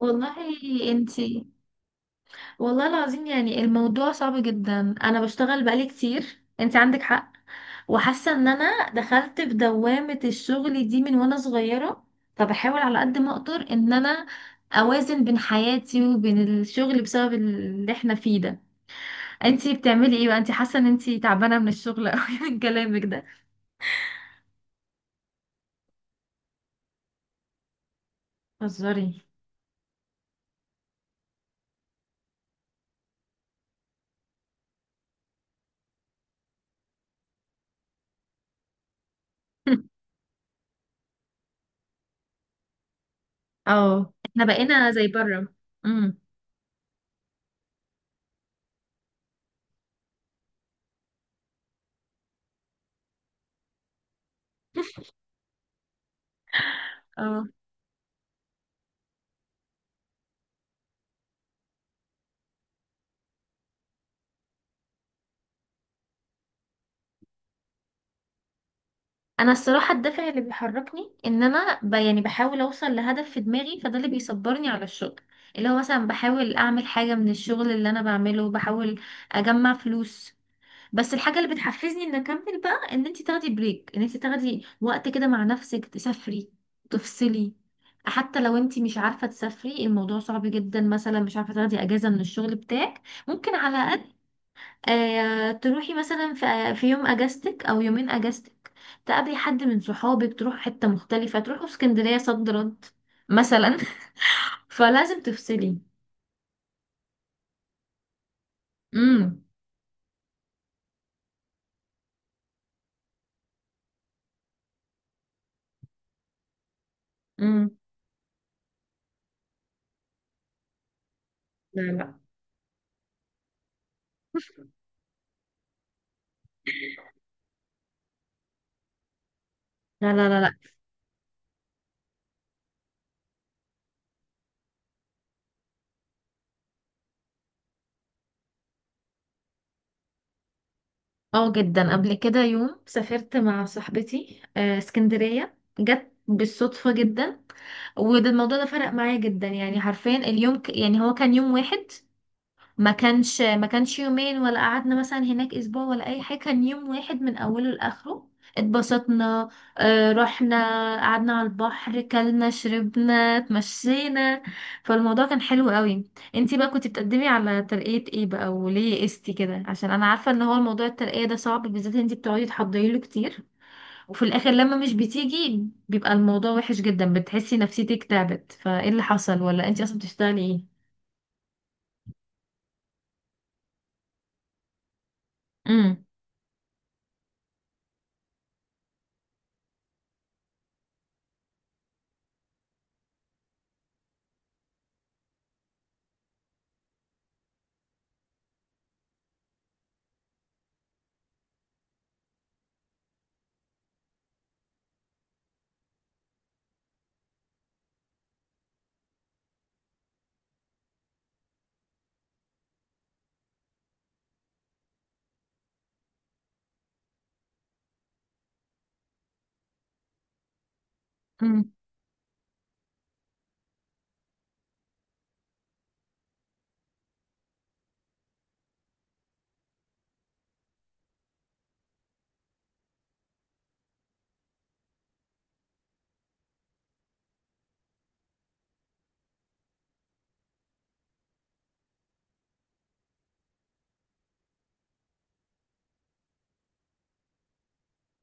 والله، انتي والله العظيم، يعني الموضوع صعب جدا. انا بشتغل بقالي كتير، انتي عندك حق. وحاسه ان انا دخلت في دوامه الشغل دي من وانا صغيره، فبحاول على قد ما اقدر ان انا اوازن بين حياتي وبين الشغل بسبب اللي احنا فيه ده. انتي بتعملي ايه بقى؟ انتي حاسه ان انتي تعبانه من الشغل قوي من كلامك ده؟ هزاري. اه، احنا بقينا زي بره. امم، اه، انا الصراحه الدافع اللي بيحركني ان انا ب... يعني بحاول اوصل لهدف في دماغي، فده اللي بيصبرني على الشغل. اللي هو مثلا بحاول اعمل حاجه من الشغل اللي انا بعمله، بحاول اجمع فلوس. بس الحاجه اللي بتحفزني ان اكمل بقى ان انت تاخدي بريك، ان انت تاخدي وقت كده مع نفسك، تسافري، تفصلي. حتى لو انت مش عارفه تسافري الموضوع صعب جدا، مثلا مش عارفه تاخدي اجازه من الشغل بتاعك، ممكن على الاقل آه، تروحي مثلا في يوم اجازتك او يومين اجازتك، تقابلي حد من صحابك، تروح حتة مختلفة، تروحوا اسكندرية صد رد مثلا. فلازم تفصلي. امم، امم، لا لا لا لا لا لا. اه جدا. قبل كده يوم سافرت مع صاحبتي آه، اسكندرية، جت بالصدفة جدا. وده الموضوع ده فرق معايا جدا. يعني حرفيا اليوم ك... يعني هو كان يوم واحد، ما كانش يومين ولا قعدنا مثلا هناك اسبوع ولا اي حاجه، كان يوم واحد من اوله لاخره. اتبسطنا، آه، رحنا قعدنا على البحر، كلنا شربنا، اتمشينا، فالموضوع كان حلو قوي. انتي بقى كنتي بتقدمي على ترقية ايه بقى وليه قستي كده؟ عشان انا عارفه ان هو موضوع الترقية ده صعب، بالذات انتي بتقعدي تحضري له كتير، وفي الاخر لما مش بتيجي بيبقى الموضوع وحش جدا، بتحسي نفسيتك تعبت. فايه اللي حصل ولا انتي اصلا بتشتغلي ايه؟ امم،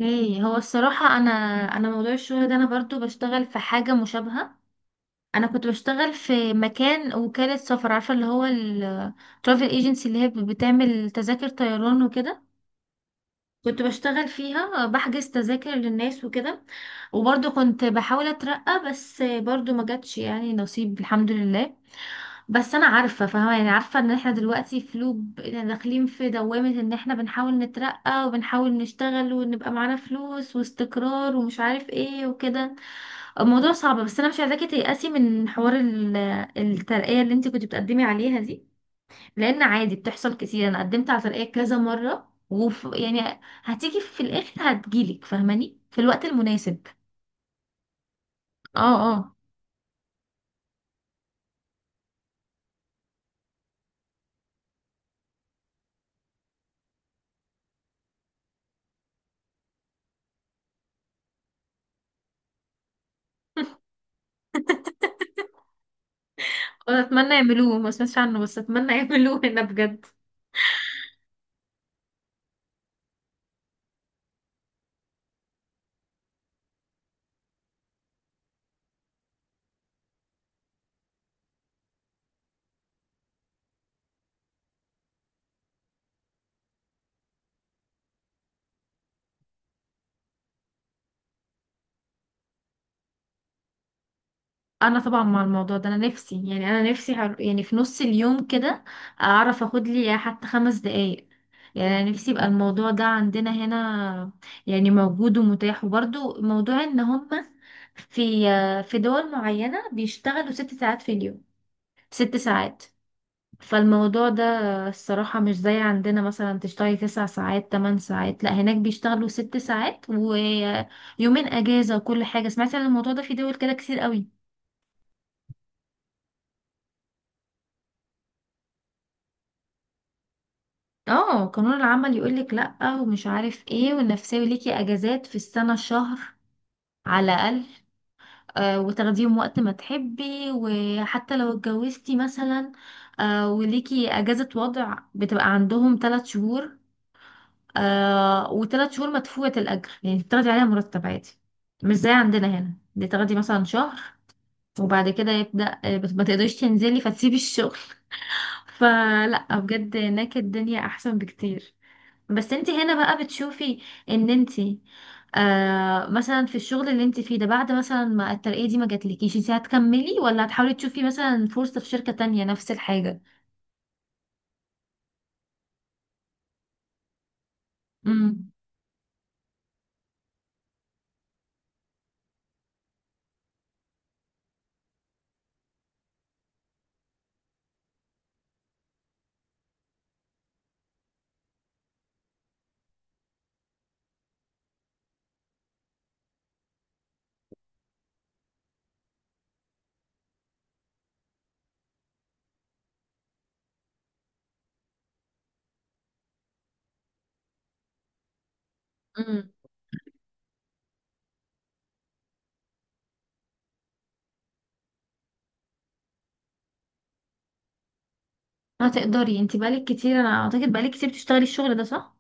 ايه هو الصراحة انا موضوع الشغل ده انا برضو بشتغل في حاجة مشابهة. انا كنت بشتغل في مكان وكالة سفر، عارفة، اللي هو الترافل ايجنسي، اللي هي بتعمل تذاكر طيران وكده. كنت بشتغل فيها بحجز تذاكر للناس وكده. وبرضو كنت بحاول اترقى بس برضو ما جاتش، يعني نصيب الحمد لله. بس انا عارفه فاهمه، يعني عارفه ان احنا دلوقتي في لوب، يعني داخلين في دوامه ان احنا بنحاول نترقى وبنحاول نشتغل ونبقى معانا فلوس واستقرار ومش عارف ايه وكده. الموضوع صعب. بس انا مش عايزاكي تيأسي من حوار الترقيه اللي انت كنت بتقدمي عليها دي، لان عادي بتحصل كتير. انا قدمت على ترقيه كذا مره وف، يعني هتيجي في الاخر، هتجيلك، فاهماني، في الوقت المناسب. اه، اه، أنا اتمنى يعملوه، ما سمعتش عنه بس اتمنى يعملوه هنا بجد. انا طبعا مع الموضوع ده، انا نفسي يعني، انا نفسي في نص اليوم كده اعرف اخد لي حتى 5 دقايق. يعني انا نفسي يبقى الموضوع ده عندنا هنا، يعني موجود ومتاح. وبرضو موضوع ان هم في في دول معينة بيشتغلوا 6 ساعات في اليوم، 6 ساعات. فالموضوع ده الصراحة مش زي عندنا مثلا تشتغلي 9 ساعات 8 ساعات، لا هناك بيشتغلوا 6 ساعات ويومين اجازة وكل حاجة. سمعت عن الموضوع ده في دول كده كتير قوي. اه قانون العمل يقولك لأ ومش عارف ايه، والنفسية ليكي اجازات في السنة شهر على الأقل، آه وتاخديهم وقت ما تحبي، وحتى لو اتجوزتي مثلا آه وليكي اجازة وضع بتبقى عندهم 3 شهور، آه وثلاث شهور مدفوعة الأجر، يعني بتاخدي عليها مرتب عادي. مش زي عندنا هنا دي تاخدي مثلا شهر وبعد كده يبدأ آه، ما تقدريش تنزلي، فتسيبي الشغل. فلا بجد هناك الدنيا احسن بكتير. بس انت هنا بقى بتشوفي ان انت آه، مثلا في الشغل اللي انت فيه ده بعد مثلا ما الترقية دي ما جاتلكيش، انت هتكملي ولا هتحاولي تشوفي مثلا فرصة في شركة تانية نفس الحاجة؟ امم، امم، هتقدري. انت بقالك كتير، انا اعتقد بقالك كتير بتشتغلي الشغل ده صح؟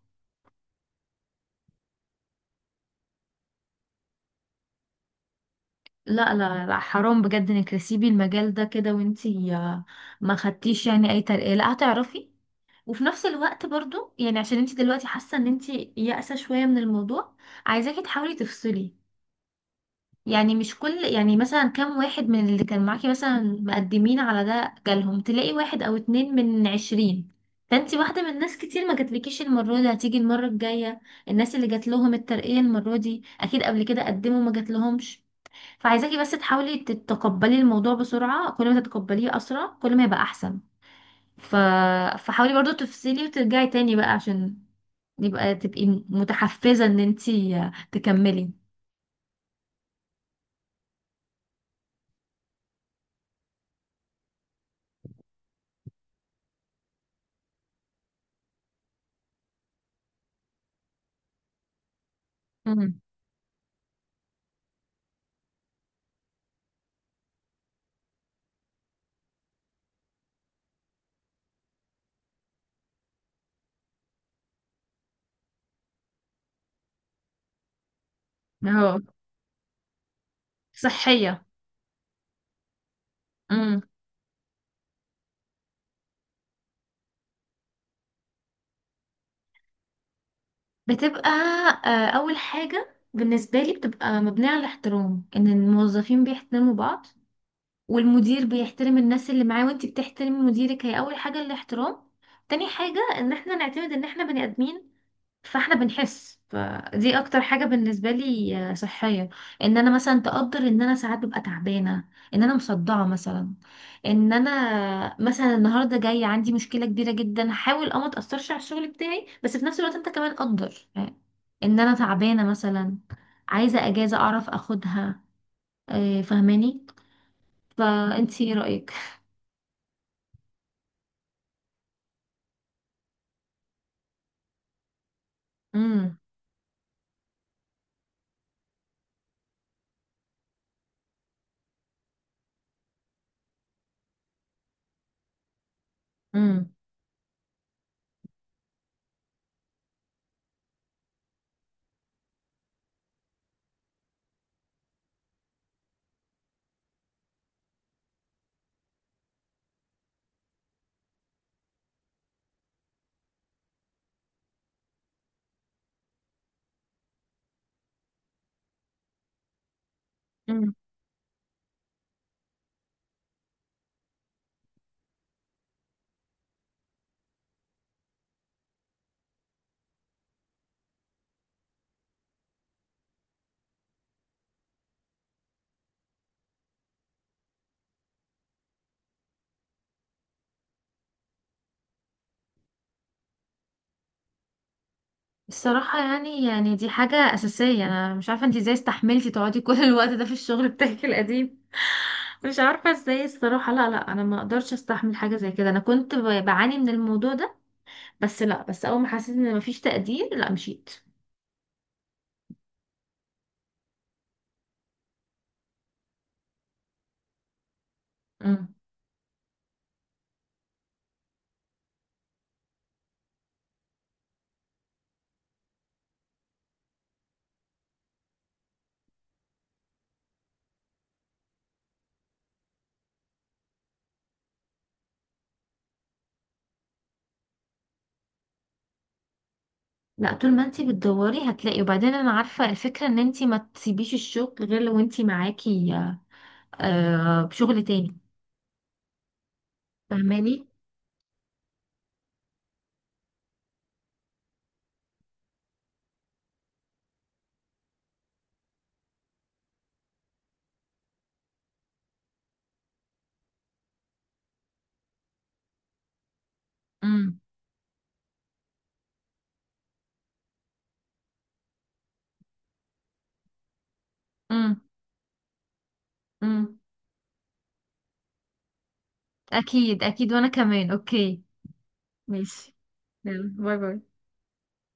لا لا لا، حرام بجد انك تسيبي المجال ده كده وانت ما خدتيش يعني اي ترقية، لا هتعرفي. وفي نفس الوقت برضو يعني عشان انت دلوقتي حاسة ان انت يائسة شوية من الموضوع، عايزاكي تحاولي تفصلي. يعني مش كل يعني مثلا كام واحد من اللي كان معاكي مثلا مقدمين على ده جالهم؟ تلاقي واحد او اتنين من 20. فانتي واحدة من ناس كتير ما جاتلكيش المرة دي، هتيجي المرة الجاية. الناس اللي جات لهم الترقية المرة دي اكيد قبل كده قدموا ما جاتلهمش. فعايزاكي بس تحاولي تتقبلي الموضوع بسرعة، كل ما تتقبليه اسرع كل ما يبقى احسن. ف... فحاولي برضو تفصلي وترجعي تاني بقى عشان يبقى تبقي متحفزة ان انتي تكملي. امم، اهو، صحية، امم، بتبقى آه، اول حاجه بالنسبه لي بتبقى مبنيه على الاحترام، ان الموظفين بيحترموا بعض، والمدير بيحترم الناس اللي معاه، وانت بتحترمي مديرك. هي اول حاجه الاحترام. تاني حاجه ان احنا نعتمد ان احنا بني ادمين، فاحنا بنحس. فدي اكتر حاجة بالنسبة لي آه، صحية، ان انا مثلا تقدر ان انا ساعات ببقى تعبانة، ان انا مصدعة مثلا، ان انا مثلا النهاردة جاي عندي مشكلة كبيرة جدا، حاول اه ما تأثرش على الشغل بتاعي بس في نفس الوقت انت كمان قدر آه، ان انا تعبانة مثلا، عايزة اجازة اعرف اخدها، آه، فاهماني؟ فانتي ايه رأيك؟ امم، الصراحة يعني دي حاجة أساسية. أنا مش عارفة انتي ازاي استحملتي تقعدي كل الوقت ده في الشغل بتاعك القديم. مش عارفة ازاي الصراحة. لا لا، أنا ما أقدرش استحمل حاجة زي كده. أنا كنت بعاني من الموضوع ده. بس لا، بس أول ما حسيت إن مفيش تقدير لا مشيت. مم. لا، طول ما انتي بتدوري هتلاقي. وبعدين أنا عارفة الفكرة إن انتي ما تسيبيش الشغل غير لو انتي معاكي آه بشغل تاني، فاهماني؟ مم. مم. مم. أكيد أكيد وأنا كمان أوكي. ماشي، يلا باي باي.